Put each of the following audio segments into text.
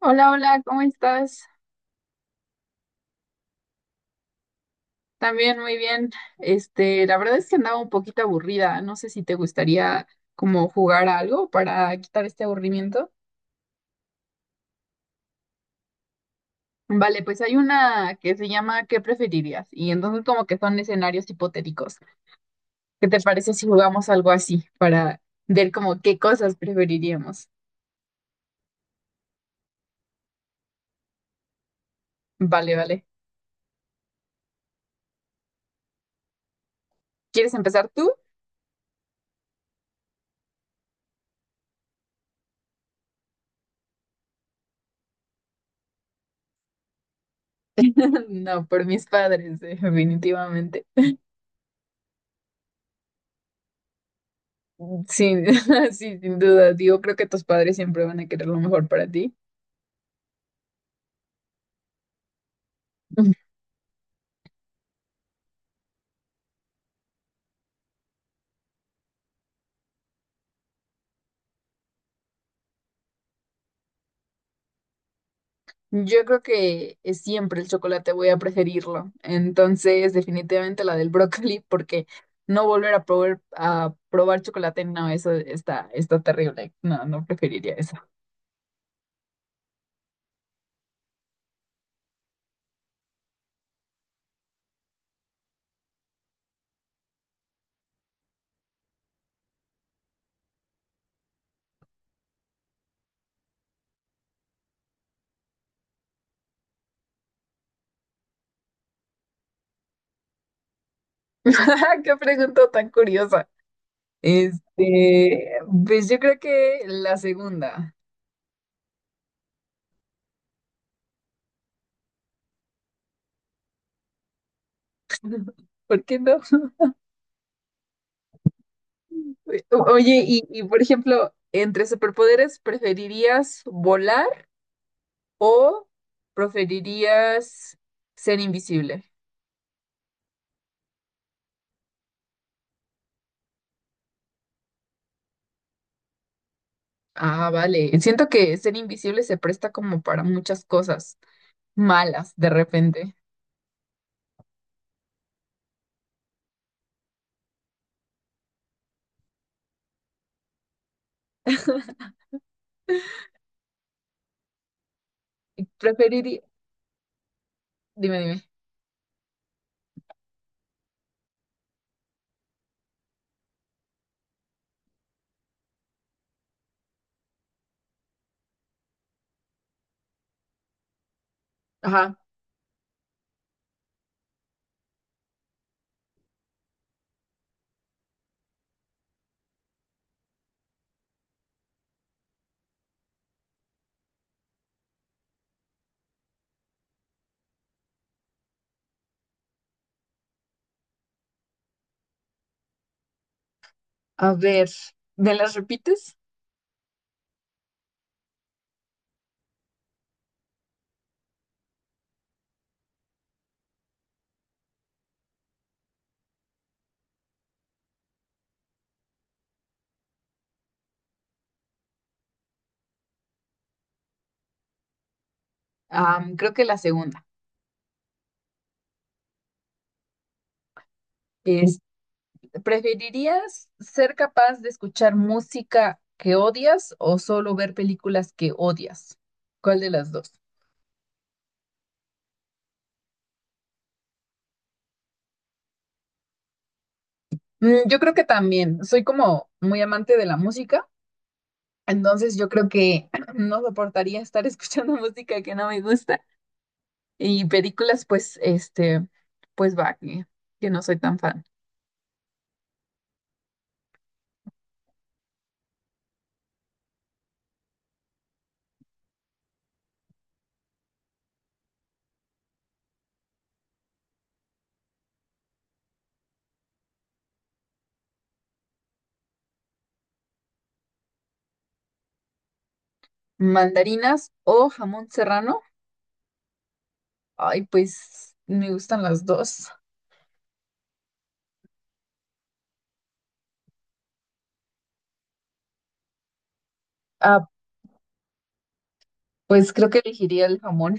Hola, hola, ¿cómo estás? También muy bien. La verdad es que andaba un poquito aburrida. No sé si te gustaría como jugar a algo para quitar este aburrimiento. Vale, pues hay una que se llama ¿Qué preferirías? Y entonces como que son escenarios hipotéticos. ¿Qué te parece si jugamos algo así para ver como qué cosas preferiríamos? Vale, vale. ¿Quieres empezar tú? No, por mis padres, definitivamente. Sí, sí, sin duda. Digo, creo que tus padres siempre van a querer lo mejor para ti. Yo creo que siempre el chocolate voy a preferirlo. Entonces, definitivamente la del brócoli, porque no volver a probar chocolate, no, eso está, está terrible. No, no preferiría eso. Qué pregunta tan curiosa. Este, pues yo creo que la segunda. ¿Por qué no? Oye, y por ejemplo, entre superpoderes, ¿preferirías volar o preferirías ser invisible? Ah, vale. Siento que ser invisible se presta como para muchas cosas malas de repente. Preferiría... Dime, dime. Ajá. A ver, ¿me las repites? Creo que la segunda. Es, ¿preferirías ser capaz de escuchar música que odias o solo ver películas que odias? ¿Cuál de las dos? Mm, yo creo que también. Soy como muy amante de la música, entonces yo creo que no soportaría estar escuchando música que no me gusta. Y películas, pues, pues va, que no soy tan fan. ¿Mandarinas o jamón serrano? Ay, pues me gustan las dos. Ah, pues creo que elegiría el jamón.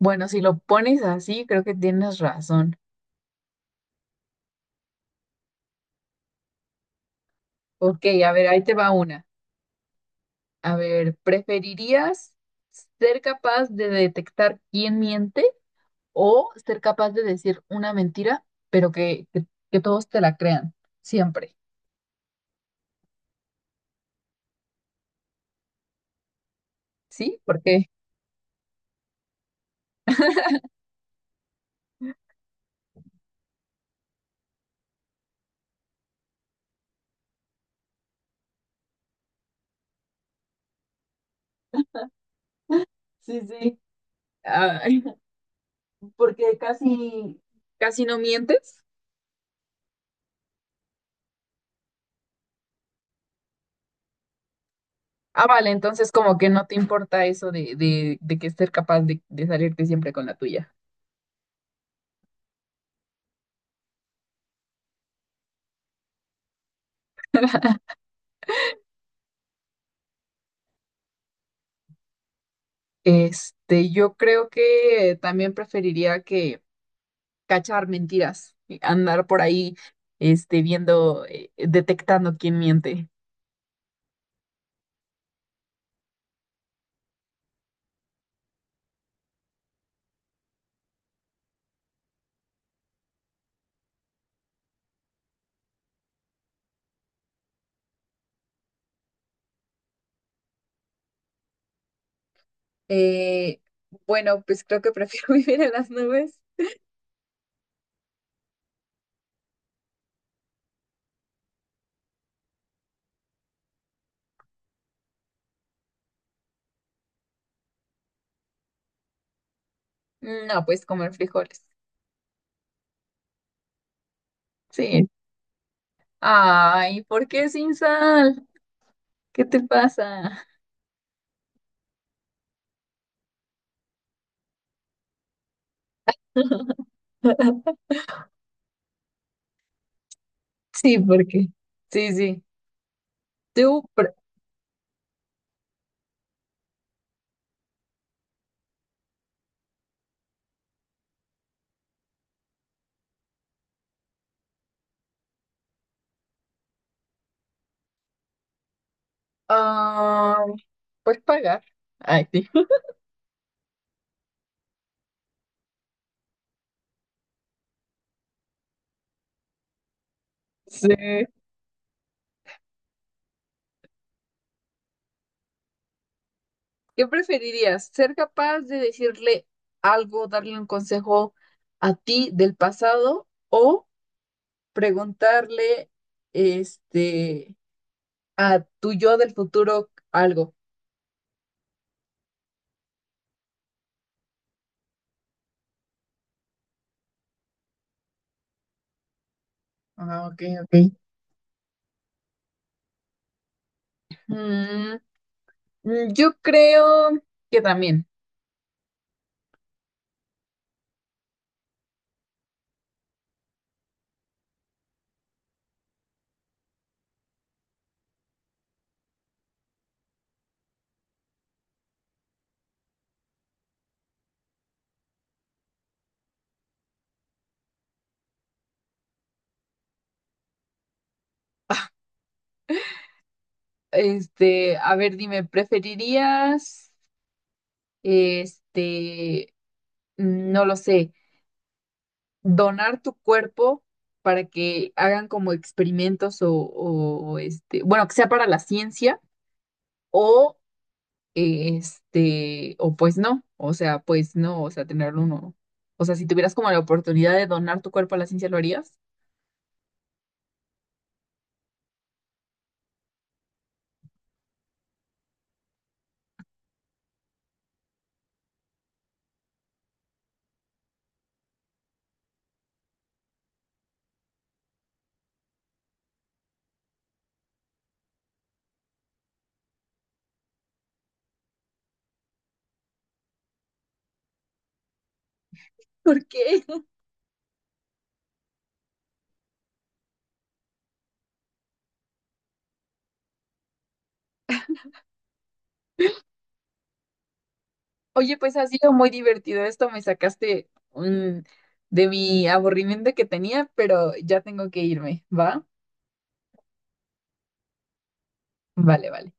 Bueno, si lo pones así, creo que tienes razón. Ok, a ver, ahí te va una. A ver, ¿preferirías ser capaz de detectar quién miente o ser capaz de decir una mentira, pero que todos te la crean, siempre, ¿sí? Porque, sí, sí, ah, porque casi, casi no mientes. Ah, vale, entonces como que no te importa eso de que ser capaz de salirte siempre con la tuya. Yo creo que también preferiría que cachar mentiras, y andar por ahí, viendo, detectando quién miente. Eh, bueno, pues creo que prefiero vivir en las nubes. No, pues comer frijoles. Sí. Ay, ¿por qué sin sal? ¿Qué te pasa? Sí, porque. Sí, sí. Tú, pre- ah, pues pagar. Ay, sí. Sí. ¿Qué preferirías? ¿Ser capaz de decirle algo, darle un consejo a ti del pasado o preguntarle este a tu yo del futuro algo? Ah, ok, ok. Mm, yo creo que también. A ver, dime, ¿preferirías, este, no lo sé, donar tu cuerpo para que hagan como experimentos o, bueno, que sea para la ciencia o, o pues no, o sea, pues no, o sea, tenerlo uno. O sea, si tuvieras como la oportunidad de donar tu cuerpo a la ciencia, ¿lo harías? ¿Por qué? Oye, pues ha sido muy divertido esto, me sacaste de mi aburrimiento que tenía, pero ya tengo que irme, ¿va? Vale, vale.